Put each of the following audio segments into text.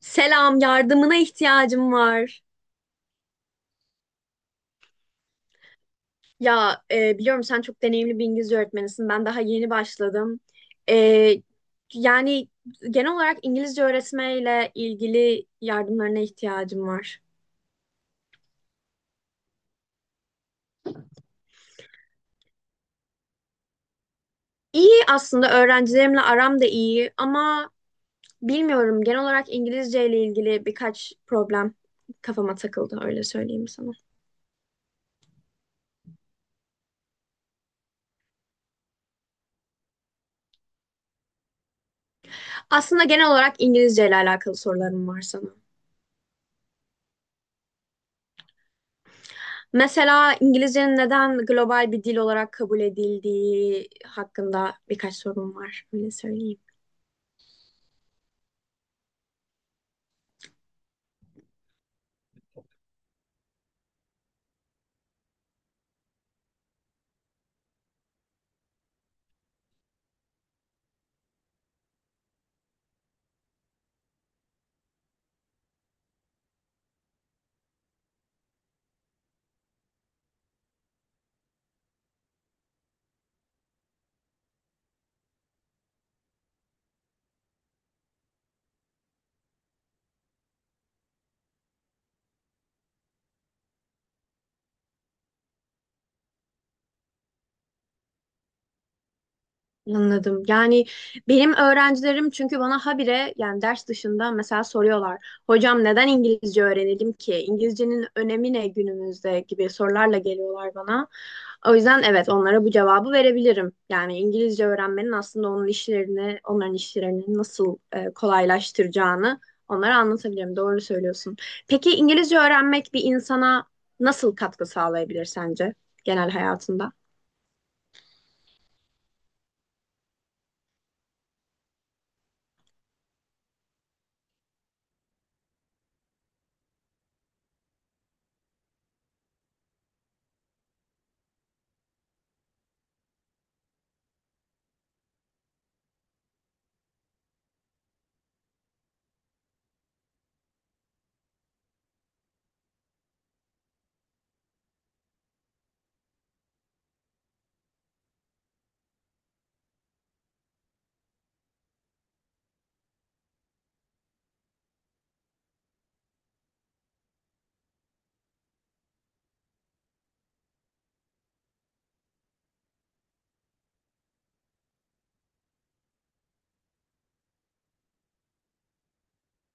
Selam, yardımına ihtiyacım var. Ya biliyorum sen çok deneyimli bir İngilizce öğretmenisin. Ben daha yeni başladım. E, yani genel olarak İngilizce öğretmeyle ilgili yardımlarına ihtiyacım var. İyi aslında öğrencilerimle aram da iyi ama bilmiyorum genel olarak İngilizce ile ilgili birkaç problem kafama takıldı öyle söyleyeyim sana. Aslında genel olarak İngilizce ile alakalı sorularım var sana. Mesela İngilizcenin neden global bir dil olarak kabul edildiği hakkında birkaç sorum var. Öyle söyleyeyim. Anladım. Yani benim öğrencilerim çünkü bana habire yani ders dışında mesela soruyorlar. Hocam neden İngilizce öğrenelim ki? İngilizcenin önemi ne günümüzde gibi sorularla geliyorlar bana. O yüzden evet onlara bu cevabı verebilirim. Yani İngilizce öğrenmenin aslında onun işlerini, onların işlerini nasıl kolaylaştıracağını onlara anlatabilirim. Doğru söylüyorsun. Peki İngilizce öğrenmek bir insana nasıl katkı sağlayabilir sence genel hayatında?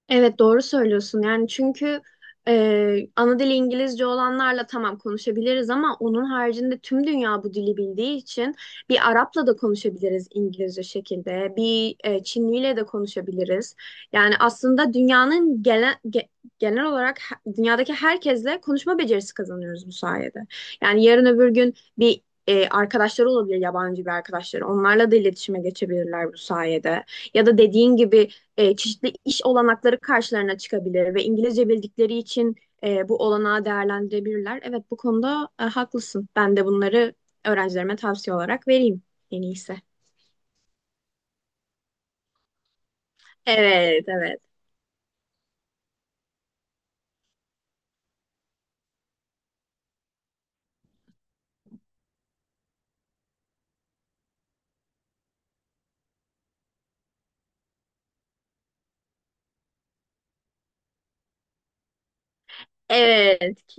Evet doğru söylüyorsun yani çünkü ana dili İngilizce olanlarla tamam konuşabiliriz ama onun haricinde tüm dünya bu dili bildiği için bir Arap'la da konuşabiliriz İngilizce şekilde bir Çinliyle de konuşabiliriz yani aslında dünyanın genel olarak dünyadaki herkesle konuşma becerisi kazanıyoruz bu sayede yani yarın öbür gün bir arkadaşları olabilir yabancı bir arkadaşları onlarla da iletişime geçebilirler bu sayede ya da dediğin gibi çeşitli iş olanakları karşılarına çıkabilir ve İngilizce bildikleri için bu olanağı değerlendirebilirler. Evet bu konuda haklısın. Ben de bunları öğrencilerime tavsiye olarak vereyim en iyisi. Evet, evet. Evet.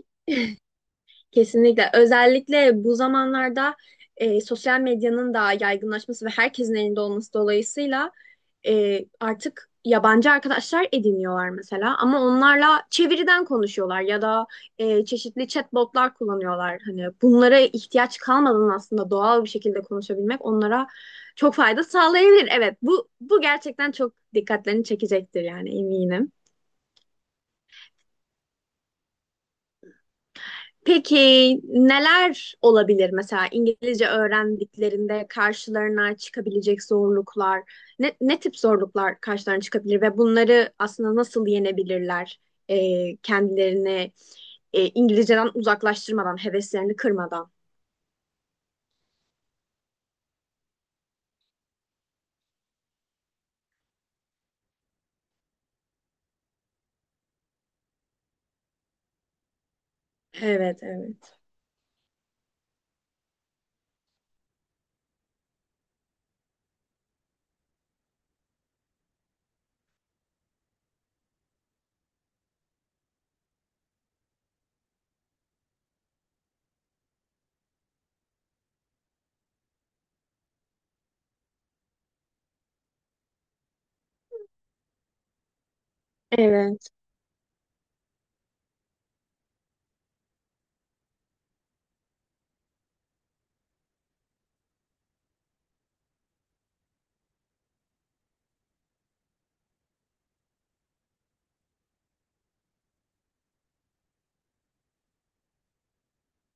Kesinlikle. Özellikle bu zamanlarda sosyal medyanın da yaygınlaşması ve herkesin elinde olması dolayısıyla artık yabancı arkadaşlar ediniyorlar mesela ama onlarla çeviriden konuşuyorlar ya da çeşitli chatbotlar kullanıyorlar. Hani bunlara ihtiyaç kalmadan aslında doğal bir şekilde konuşabilmek onlara çok fayda sağlayabilir. Evet, bu gerçekten çok dikkatlerini çekecektir yani eminim. Peki neler olabilir mesela İngilizce öğrendiklerinde karşılarına çıkabilecek zorluklar, ne tip zorluklar karşılarına çıkabilir ve bunları aslında nasıl yenebilirler kendilerini İngilizceden uzaklaştırmadan, heveslerini kırmadan? Evet, evet. Evet.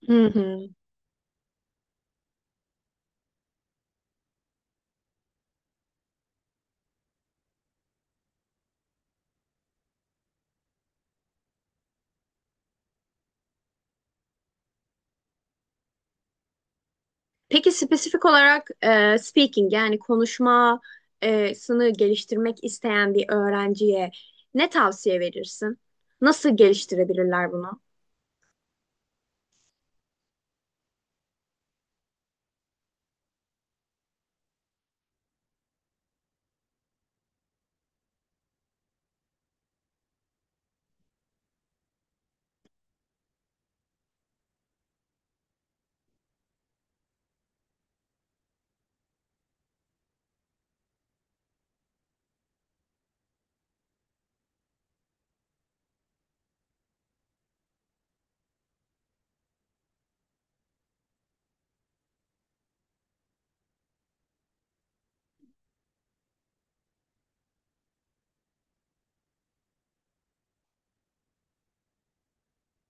Hı hı. Peki spesifik olarak speaking yani konuşmasını geliştirmek isteyen bir öğrenciye ne tavsiye verirsin? Nasıl geliştirebilirler bunu?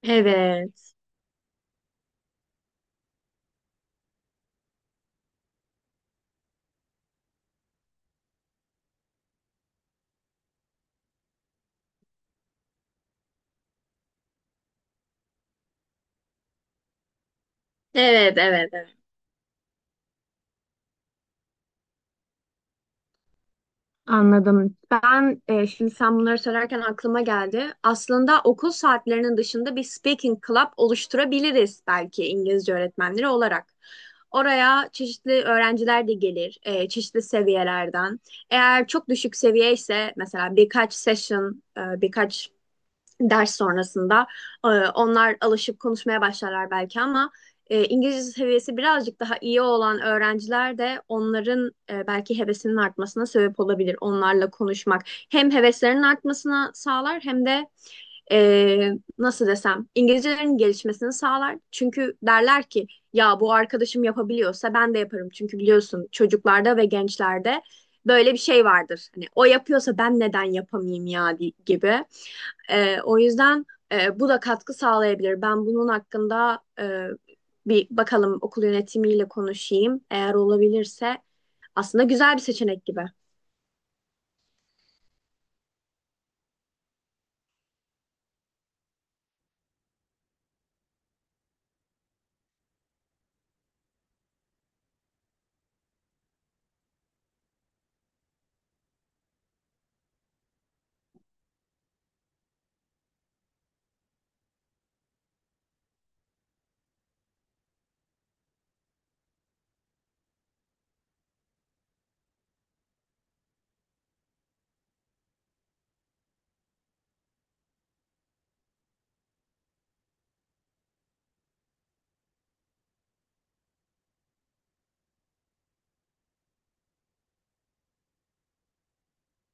Evet. Evet, evet, evet. Anladım. Ben şimdi sen bunları söylerken aklıma geldi. Aslında okul saatlerinin dışında bir speaking club oluşturabiliriz belki İngilizce öğretmenleri olarak. Oraya çeşitli öğrenciler de gelir, çeşitli seviyelerden. Eğer çok düşük seviye ise mesela birkaç session, birkaç ders sonrasında. Ee, Onlar alışıp konuşmaya başlarlar belki ama İngilizce seviyesi birazcık daha iyi olan öğrenciler de onların belki hevesinin artmasına sebep olabilir. Onlarla konuşmak hem heveslerinin artmasına sağlar hem de e, nasıl desem İngilizcelerinin gelişmesini sağlar. Çünkü derler ki ya bu arkadaşım yapabiliyorsa ben de yaparım. Çünkü biliyorsun çocuklarda ve gençlerde böyle bir şey vardır. Hani o yapıyorsa ben neden yapamayayım ya gibi. O yüzden bu da katkı sağlayabilir. Ben bunun hakkında bir bakalım okul yönetimiyle konuşayım. Eğer olabilirse aslında güzel bir seçenek gibi.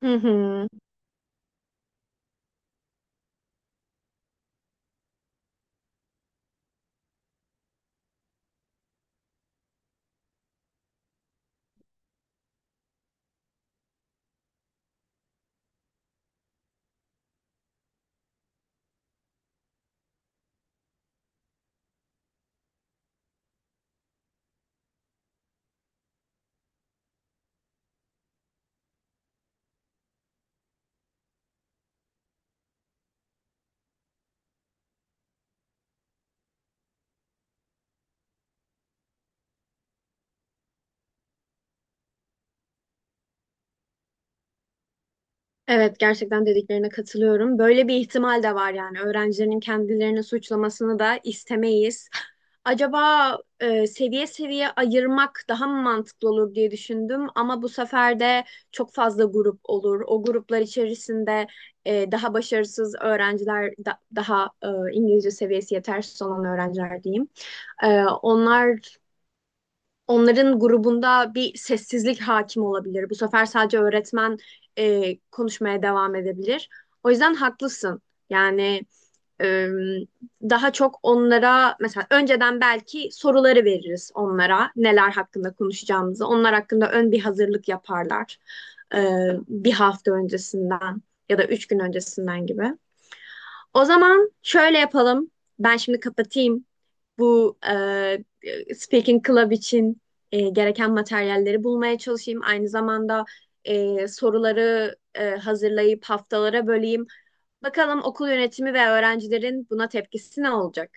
Hı hı. Evet, gerçekten dediklerine katılıyorum. Böyle bir ihtimal de var yani. Öğrencilerin kendilerini suçlamasını da istemeyiz. Acaba seviye seviye ayırmak daha mı mantıklı olur diye düşündüm ama bu sefer de çok fazla grup olur. O gruplar içerisinde daha başarısız öğrenciler, daha İngilizce seviyesi yetersiz olan öğrenciler diyeyim. E, onlar Onların grubunda bir sessizlik hakim olabilir. Bu sefer sadece öğretmen konuşmaya devam edebilir. O yüzden haklısın. Yani e, daha çok onlara mesela önceden belki soruları veririz onlara neler hakkında konuşacağımızı. Onlar hakkında ön bir hazırlık yaparlar e, 1 hafta öncesinden ya da 3 gün öncesinden gibi. O zaman şöyle yapalım. Ben şimdi kapatayım bu speaking club için gereken materyalleri bulmaya çalışayım. Aynı zamanda soruları hazırlayıp haftalara böleyim. Bakalım okul yönetimi ve öğrencilerin buna tepkisi ne olacak?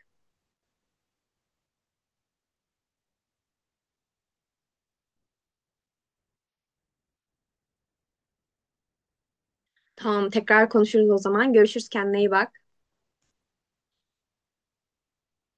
Tamam, tekrar konuşuruz o zaman. Görüşürüz, kendine iyi bak.